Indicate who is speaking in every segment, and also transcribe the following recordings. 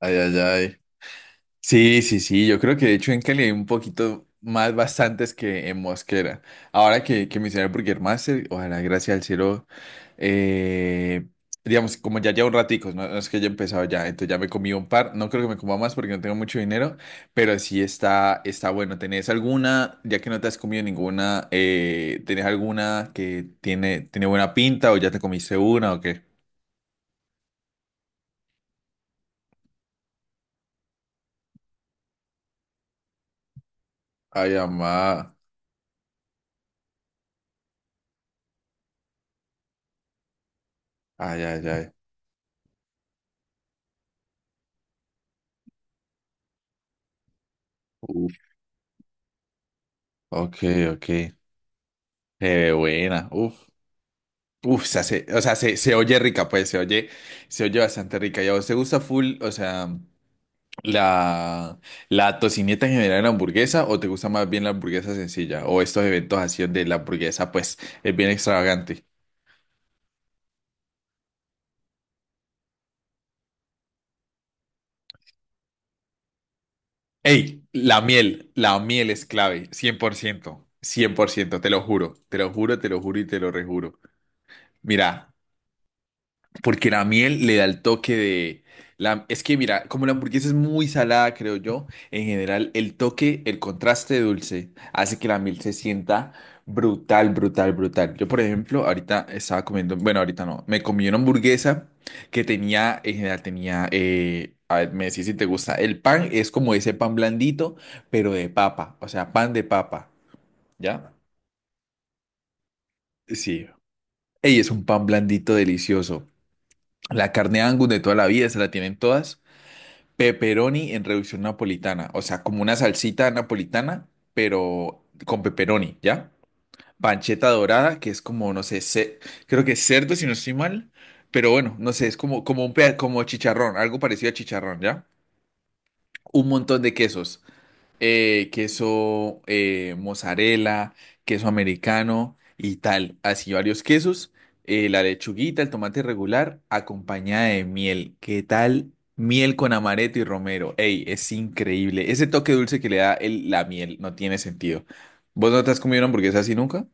Speaker 1: Ay, ay, ay. Sí, sí, sí, yo creo que de hecho en Cali hay un poquito más bastantes que en Mosquera. Ahora que mencioné el Burger Master, ojalá, gracias al cielo, eh, digamos, como ya llevo un ratico, no, no es que haya empezado ya, entonces ya me comí un par, no creo que me coma más porque no tengo mucho dinero, pero sí está bueno. ¿Tenés alguna, ya que no te has comido ninguna, tenés alguna que tiene buena pinta o ya te comiste una o qué? Ay, amá. Ay, ay, ay. Uf. Ok, ok. Buena, uf, uf, o sea, se oye rica, pues, se oye bastante rica. ¿Y a vos te gusta full, o sea, la, la tocineta en general en la hamburguesa, o te gusta más bien la hamburguesa sencilla, o estos eventos así de la hamburguesa, pues, es bien extravagante? Ey, la miel es clave, cien por ciento, 100%, te lo juro, te lo juro, te lo juro y te lo rejuro. Mira. Porque la miel le da el toque de... La, es que mira, como la hamburguesa es muy salada, creo yo, en general el toque, el contraste dulce hace que la miel se sienta brutal, brutal, brutal. Yo, por ejemplo, ahorita estaba comiendo, bueno, ahorita no, me comí una hamburguesa que tenía, en general tenía, a ver, me decís si te gusta, el pan es como ese pan blandito, pero de papa, o sea, pan de papa, ¿ya? Sí. Ey, es un pan blandito delicioso. La carne Angus de toda la vida, se la tienen todas. Pepperoni en reducción napolitana, o sea, como una salsita napolitana, pero con pepperoni, ¿ya? Pancheta dorada, que es como, no sé, creo que es cerdo, si no estoy mal, pero bueno, no sé, es como, como un como chicharrón, algo parecido a chicharrón, ¿ya? Un montón de quesos, queso mozzarella, queso americano y tal, así varios quesos, la lechuguita, el tomate regular, acompañada de miel. ¿Qué tal? Miel con amaretto y romero. Ey, es increíble. Ese toque dulce que le da el- la miel no tiene sentido. ¿Vos no te has comido una hamburguesa así nunca?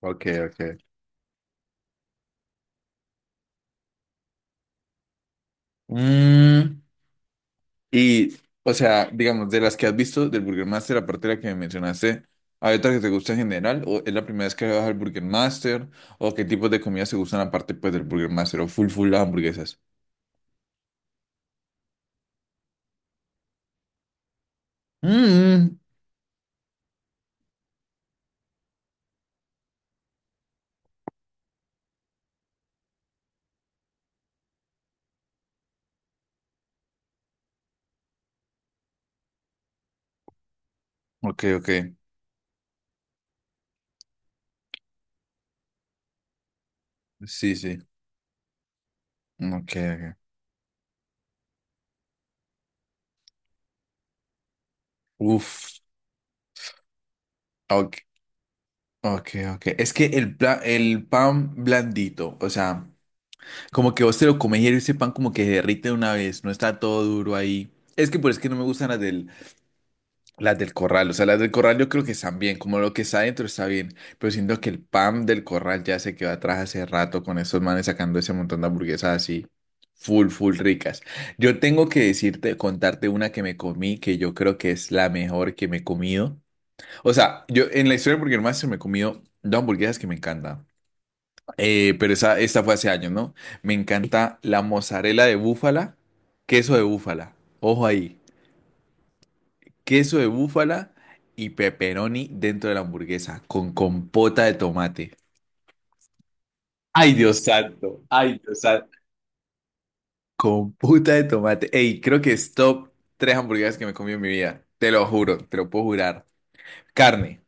Speaker 1: Ok, ok. Mm. Y, o sea, digamos, de las que has visto del Burger Master, aparte de la que me mencionaste, ¿hay otra que te gusta en general? ¿O es la primera vez que vas al Burger Master? ¿O qué tipos de comidas te gustan aparte, pues, del Burger Master? ¿O full, full hamburguesas? Mm, ok, ok. Sí, sí. Ok, ok. Uf. Ok, ok, ok. Es que el, el pan blandito, o sea, como que vos te lo comes y ese pan como que se derrite de una vez, no está todo duro ahí. Es que por es que no me gustan las del corral, o sea, las del corral yo creo que están bien, como lo que está adentro está bien, pero siento que el pan del corral ya se quedó atrás hace rato con esos manes sacando ese montón de hamburguesas así, full, full ricas. Yo tengo que decirte, contarte una que me comí, que yo creo que es la mejor que me he comido. O sea, yo en la historia de Burger Master me he comido dos hamburguesas que me encantan. Pero esa, esta fue hace años, ¿no? Me encanta la mozzarella de búfala, queso de búfala, ojo ahí, queso de búfala y pepperoni dentro de la hamburguesa con compota de tomate. Ay, Dios santo, ay, Dios santo. Compota de tomate. Ey, creo que es top tres hamburguesas que me comí en mi vida. Te lo juro, te lo puedo jurar. Carne,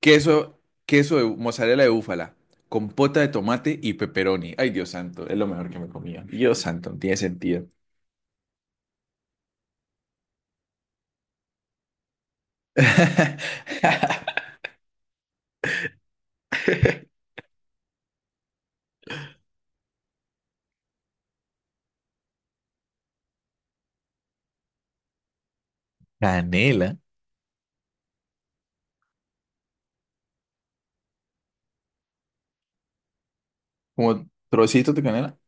Speaker 1: queso, queso de mozzarella de búfala, compota de tomate y pepperoni. Ay, Dios santo, es lo mejor que me comía. Dios santo, no tiene sentido. Canela. Como trocito de canela.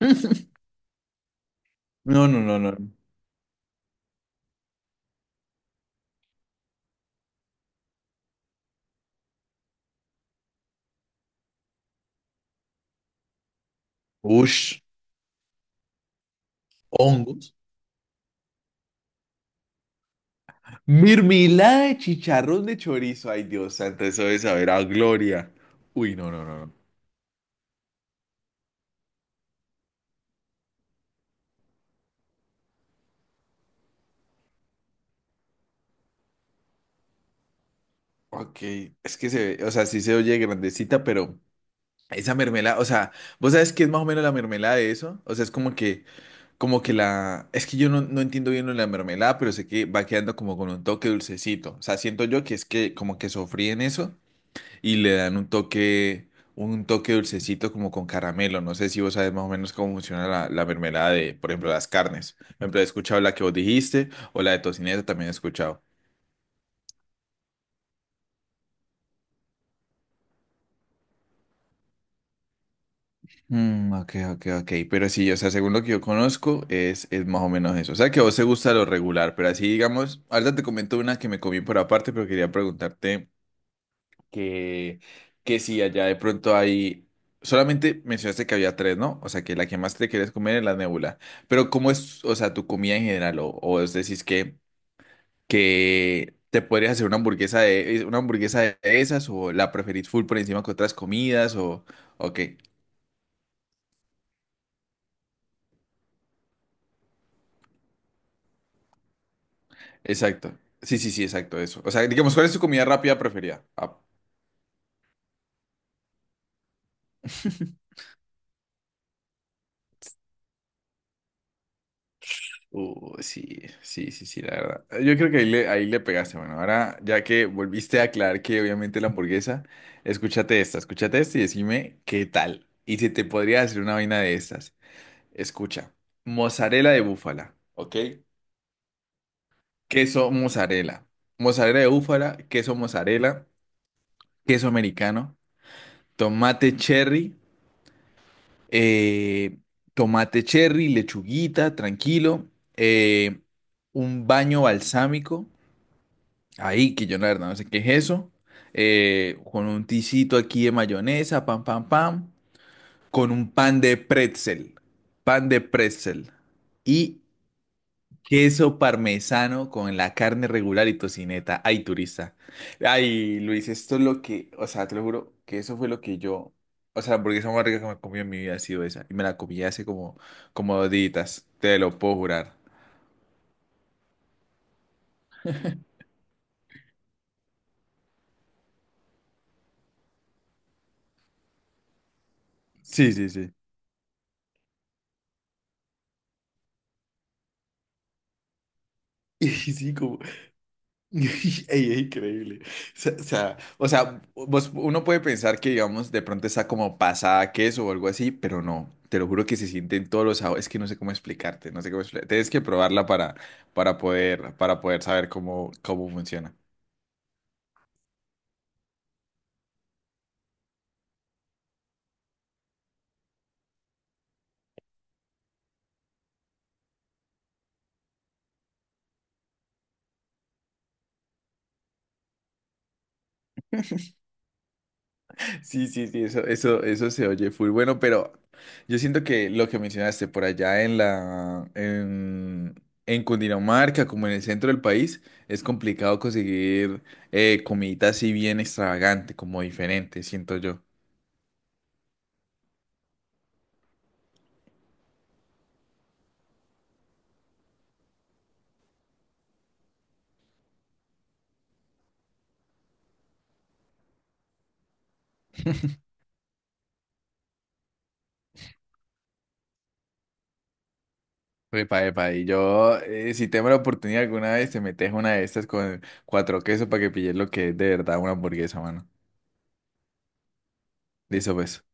Speaker 1: No, no, no, no. Ush, hongos. Mermelada de chicharrón de chorizo. Ay, Dios santo, eso de saber a gloria. Uy, no, no, no, no. Ok, es que se ve, o sea, sí se oye grandecita, pero esa mermelada, o sea, ¿vos sabes qué es más o menos la mermelada de eso? O sea, es como que la, es que yo no, no entiendo bien lo de la mermelada, pero sé que va quedando como con un toque dulcecito. O sea, siento yo que es que como que sofríen eso y le dan un toque dulcecito como con caramelo. No sé si vos sabes más o menos cómo funciona la mermelada de, por ejemplo, las carnes. Por ejemplo, he escuchado la que vos dijiste o la de tocineta también he escuchado. Mm, ok, ok, ok. Pero sí, o sea, según lo que yo conozco, es más o menos eso. O sea, que a vos te gusta lo regular, pero así, digamos, ahorita te comento una que me comí por aparte, pero quería preguntarte que, que sí, allá de pronto hay... Solamente mencionaste que había tres, ¿no? O sea, que la que más te quieres comer es la Nebula. Pero ¿cómo es, o sea, tu comida en general? O es decir, que te podrías hacer una hamburguesa de esas o la preferís full por encima que otras comidas o qué. Exacto. Sí, sí, sí, exacto, eso. O sea, digamos, ¿cuál es tu comida rápida preferida? Ah. Sí, sí, sí, sí, la verdad. Yo creo que ahí le pegaste. Bueno, ahora ya que volviste a aclarar que obviamente la hamburguesa, escúchate esta y decime qué tal. Y si te podría hacer una vaina de estas. Escucha, mozzarella de búfala, ¿ok? Queso mozzarella, mozzarella de búfala, queso mozzarella, queso americano, tomate cherry, eh, tomate cherry, lechuguita, tranquilo, eh, un baño balsámico. Ahí, que yo la verdad no sé qué es eso. Con un ticito aquí de mayonesa, pam, pam, pam. Con un pan de pretzel. Pan de pretzel. Y queso parmesano con la carne regular y tocineta. Ay, turista. Ay, Luis, esto es lo que, o sea, te lo juro que eso fue lo que yo, o sea, la hamburguesa más rica que me he comido en mi vida ha sido esa. Y me la comí hace como, como 2 días. Te lo puedo jurar. Sí, sí, sí. Y sí, ey, ey, increíble. O sea, o sea, o sea, uno puede pensar que, digamos, de pronto está como pasada a queso o algo así, pero no. Te lo juro que se sienten todos los sabores. Es que no sé cómo explicarte, no sé cómo explicarte. Tienes que probarla para poder saber cómo funciona. Sí, sí, sí, eso se oye full. Bueno, pero yo siento que lo que mencionaste por allá en Cundinamarca, como en el centro del país, es complicado conseguir comidita así bien extravagante, como diferente, siento yo. Epa, epa, y yo, si tengo la oportunidad alguna vez, te metes una de estas con cuatro quesos para que pilles lo que es de verdad una hamburguesa, mano. Listo, pues.